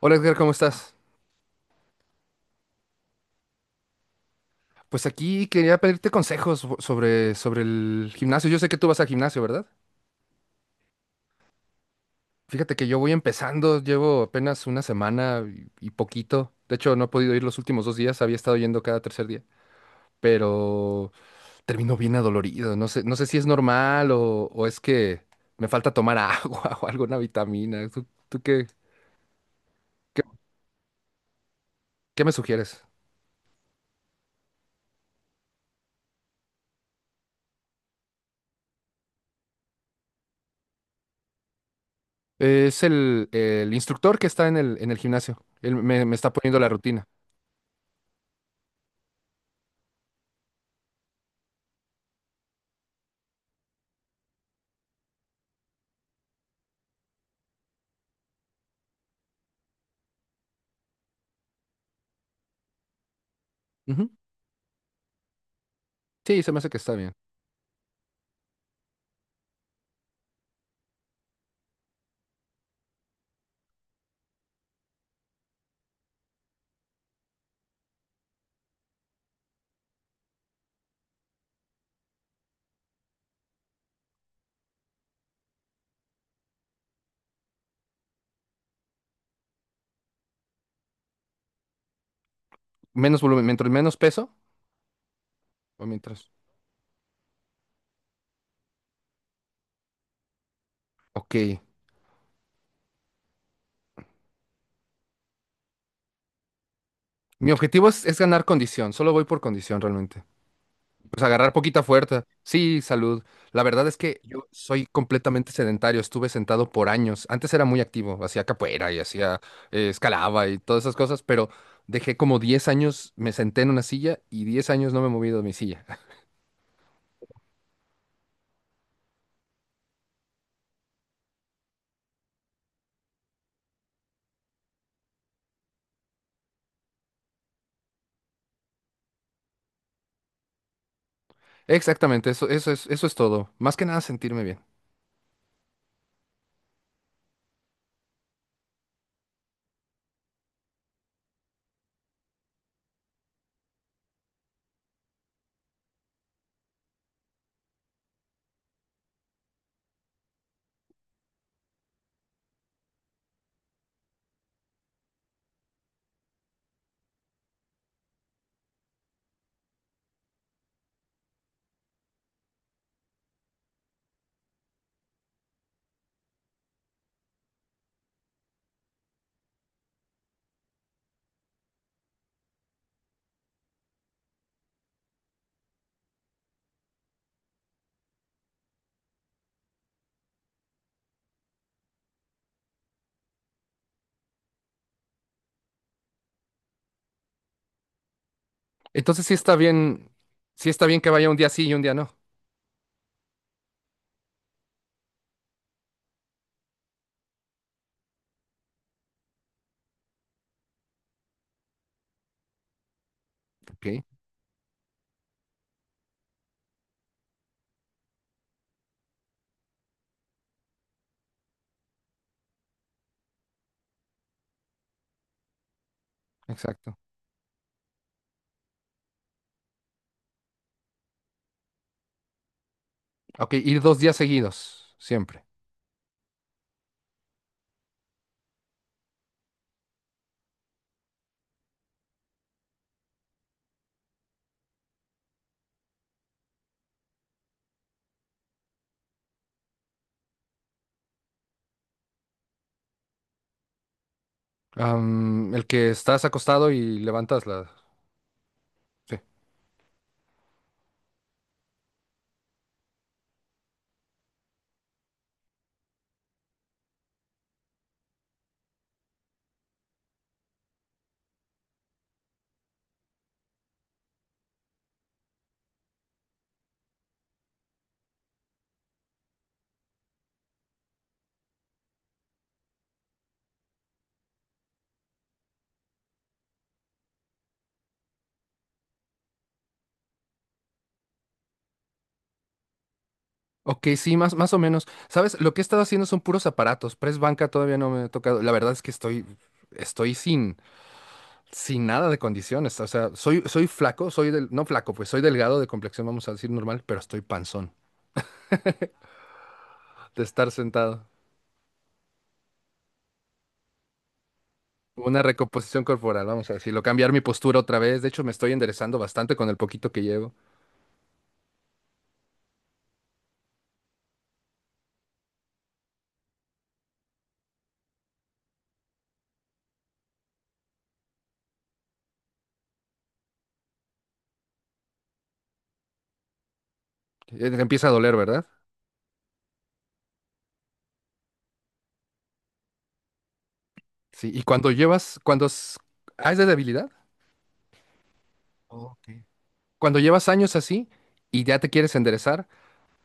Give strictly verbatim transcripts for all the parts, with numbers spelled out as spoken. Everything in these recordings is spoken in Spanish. Hola Edgar, ¿cómo estás? Pues aquí quería pedirte consejos so- sobre, sobre el gimnasio. Yo sé que tú vas al gimnasio, ¿verdad? Fíjate que yo voy empezando, llevo apenas una semana y, y poquito. De hecho, no he podido ir los últimos dos días, había estado yendo cada tercer día, pero termino bien adolorido. No sé, no sé si es normal o, o es que me falta tomar agua o alguna vitamina. ¿Tú, tú qué, qué, qué me sugieres? Es el, el instructor que está en el, en el gimnasio. Él me, me está poniendo la rutina. Ujú. Sí, se me hace que está bien. Menos volumen, mientras menos peso o mientras. Ok. Mi objetivo es, es ganar condición. Solo voy por condición realmente. Pues agarrar poquita fuerza. Sí, salud. La verdad es que yo soy completamente sedentario. Estuve sentado por años. Antes era muy activo. Hacía capoeira y hacía eh, escalaba y todas esas cosas, pero dejé como diez años. Me senté en una silla y diez años no me he movido de mi silla. Exactamente. Eso, eso es, eso es todo. Más que nada sentirme bien. Entonces sí está bien. Sí está bien que vaya un día sí y un día no. Ok. Exacto. Ok, ir dos días seguidos, siempre. Am, el que estás acostado y levantas la... Sí. Ok, sí, más, más o menos. ¿Sabes? Lo que he estado haciendo son puros aparatos. Press banca todavía no me he tocado. La verdad es que estoy, estoy sin, sin nada de condiciones. O sea, soy, soy flaco, soy del... No flaco, pues soy delgado de complexión, vamos a decir normal, pero estoy panzón de estar sentado. Una recomposición corporal, vamos a decirlo. Cambiar mi postura otra vez. De hecho, me estoy enderezando bastante con el poquito que llevo. Eh, Empieza a doler, ¿verdad? Sí, y cuando llevas, cuando es, ah, es de debilidad. Ok. Cuando llevas años así y ya te quieres enderezar,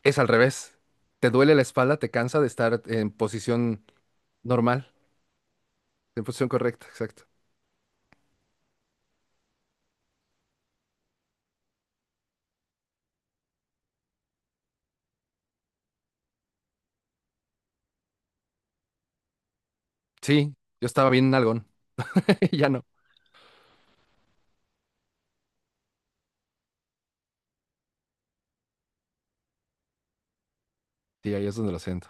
es al revés. Te duele la espalda, te cansa de estar en posición normal, en posición correcta, exacto. Sí, yo estaba bien en nalgón, ya no. Sí, ahí es donde lo siento.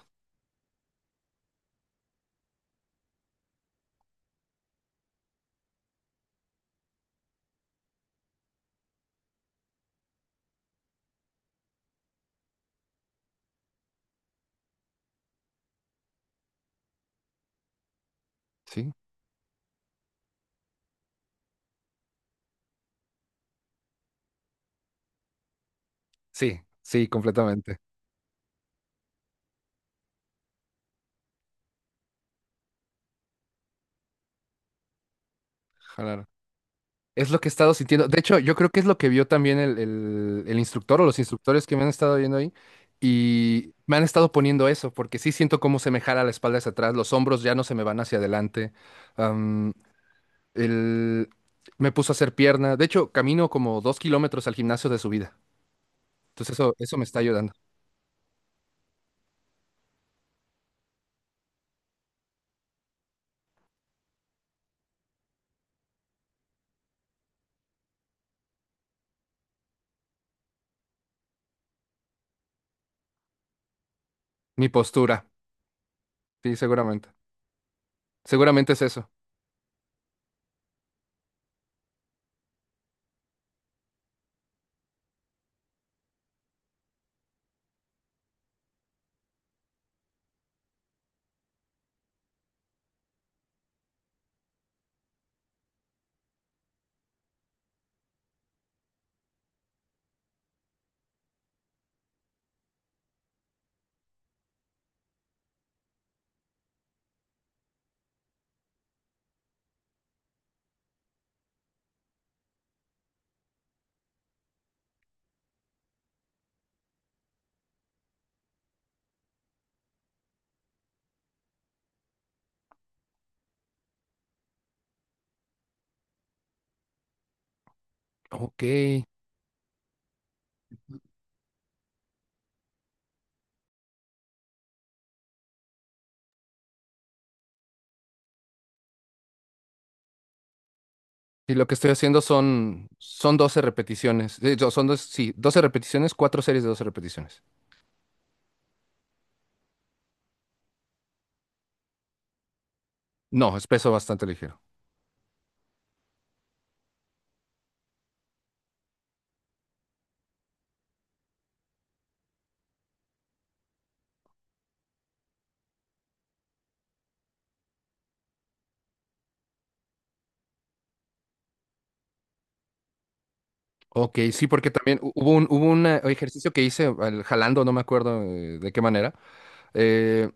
Sí, sí, sí, completamente. Ojalá. Es lo que he estado sintiendo. De hecho, yo creo que es lo que vio también el, el- el instructor o los instructores que me han estado viendo ahí. Y me han estado poniendo eso, porque sí siento cómo se me jala la espalda hacia atrás, los hombros ya no se me van hacia adelante. am, el- Me puso a hacer pierna. De hecho, camino como dos kilómetros al gimnasio de subida. Entonces eso, eso me está ayudando. Mi postura, sí, seguramente. Seguramente es eso. Ok. Y lo que estoy haciendo son, son doce repeticiones. Eh, yo- Son dos, sí, doce repeticiones, cuatro series de doce repeticiones. No, es peso bastante ligero. Ok, sí, porque también hu- hubo un, hubo un eh, ejercicio que hice al- jalando, no me acuerdo eh, de qué manera, eh,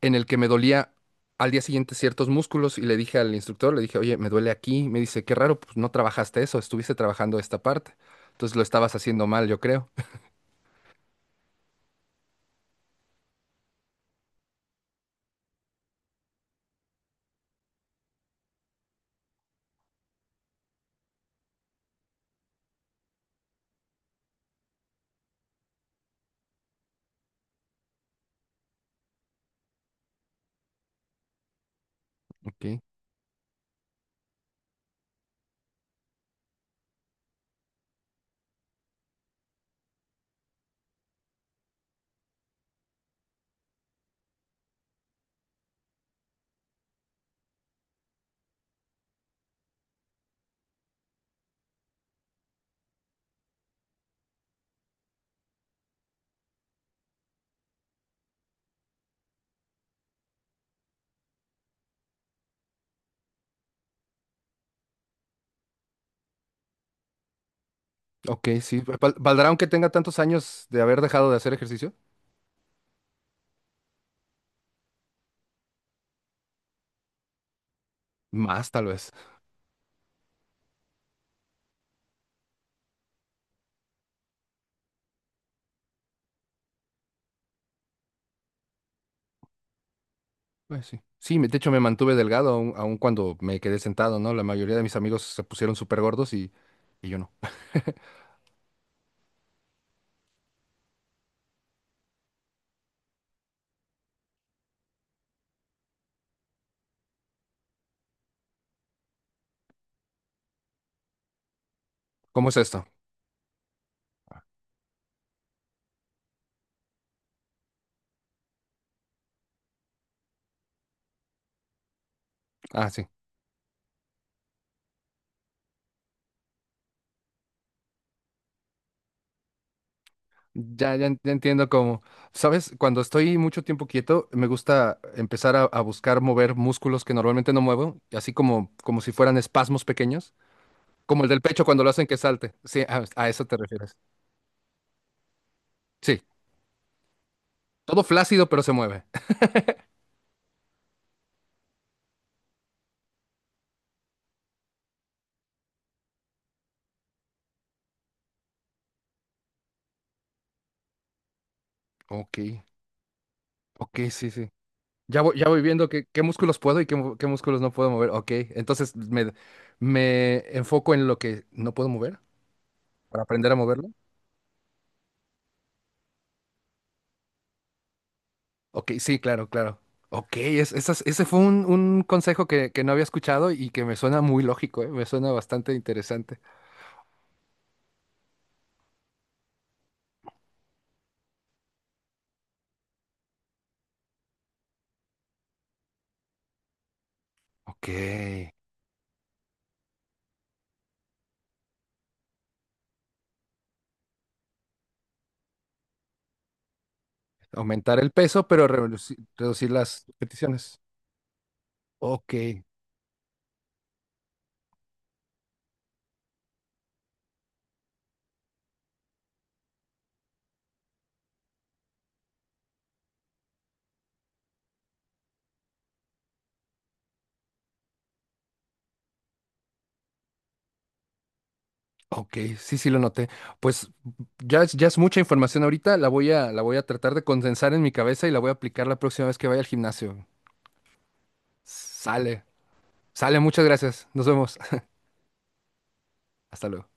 en el que me dolía al día siguiente ciertos músculos y le dije al instructor, le dije, oye, me duele aquí. Me dice, qué raro, pues no trabajaste eso, estuviste trabajando esta parte. Entonces lo estabas haciendo mal, yo creo. Ok, ok, sí. ¿Val- ¿Valdrá aunque tenga tantos años de haber dejado de hacer ejercicio? Más, tal vez. Pues sí. Sí, me- de hecho me mantuve delgado aun, aun cuando me quedé sentado, ¿no? La mayoría de mis amigos se pusieron súper gordos y, y yo no. ¿Cómo es esto? Ah, sí. Ya, ya, en- ya entiendo cómo. ¿Sabes? Cuando estoy mucho tiempo quieto, me gusta empezar a, a buscar mover músculos que normalmente no muevo, así como, como si fueran espasmos pequeños, como el del pecho cuando lo hacen que salte. Sí, a, a eso te refieres. Sí, todo flácido pero se mueve. Ok, ok, sí, sí. Ya voy, ya voy viendo qué, qué músculos puedo y qué, mu- qué músculos no puedo mover. Ok, entonces me, me enfoco en lo que no puedo mover para aprender a moverlo. Ok, sí, claro, claro. Ok, es, esas- ese fue un, un consejo que, que no había escuchado y que me suena muy lógico, ¿eh? Me suena bastante interesante. Ok, aumentar el peso, pero reduci- reducir las repeticiones. Ok, Ok, sí, sí lo noté. Pues ya es, ya es mucha información ahorita, la voy a, la voy a tratar de condensar en mi cabeza y la voy a aplicar la próxima vez que vaya al gimnasio. Sale, sale, muchas gracias. Nos vemos. Hasta luego.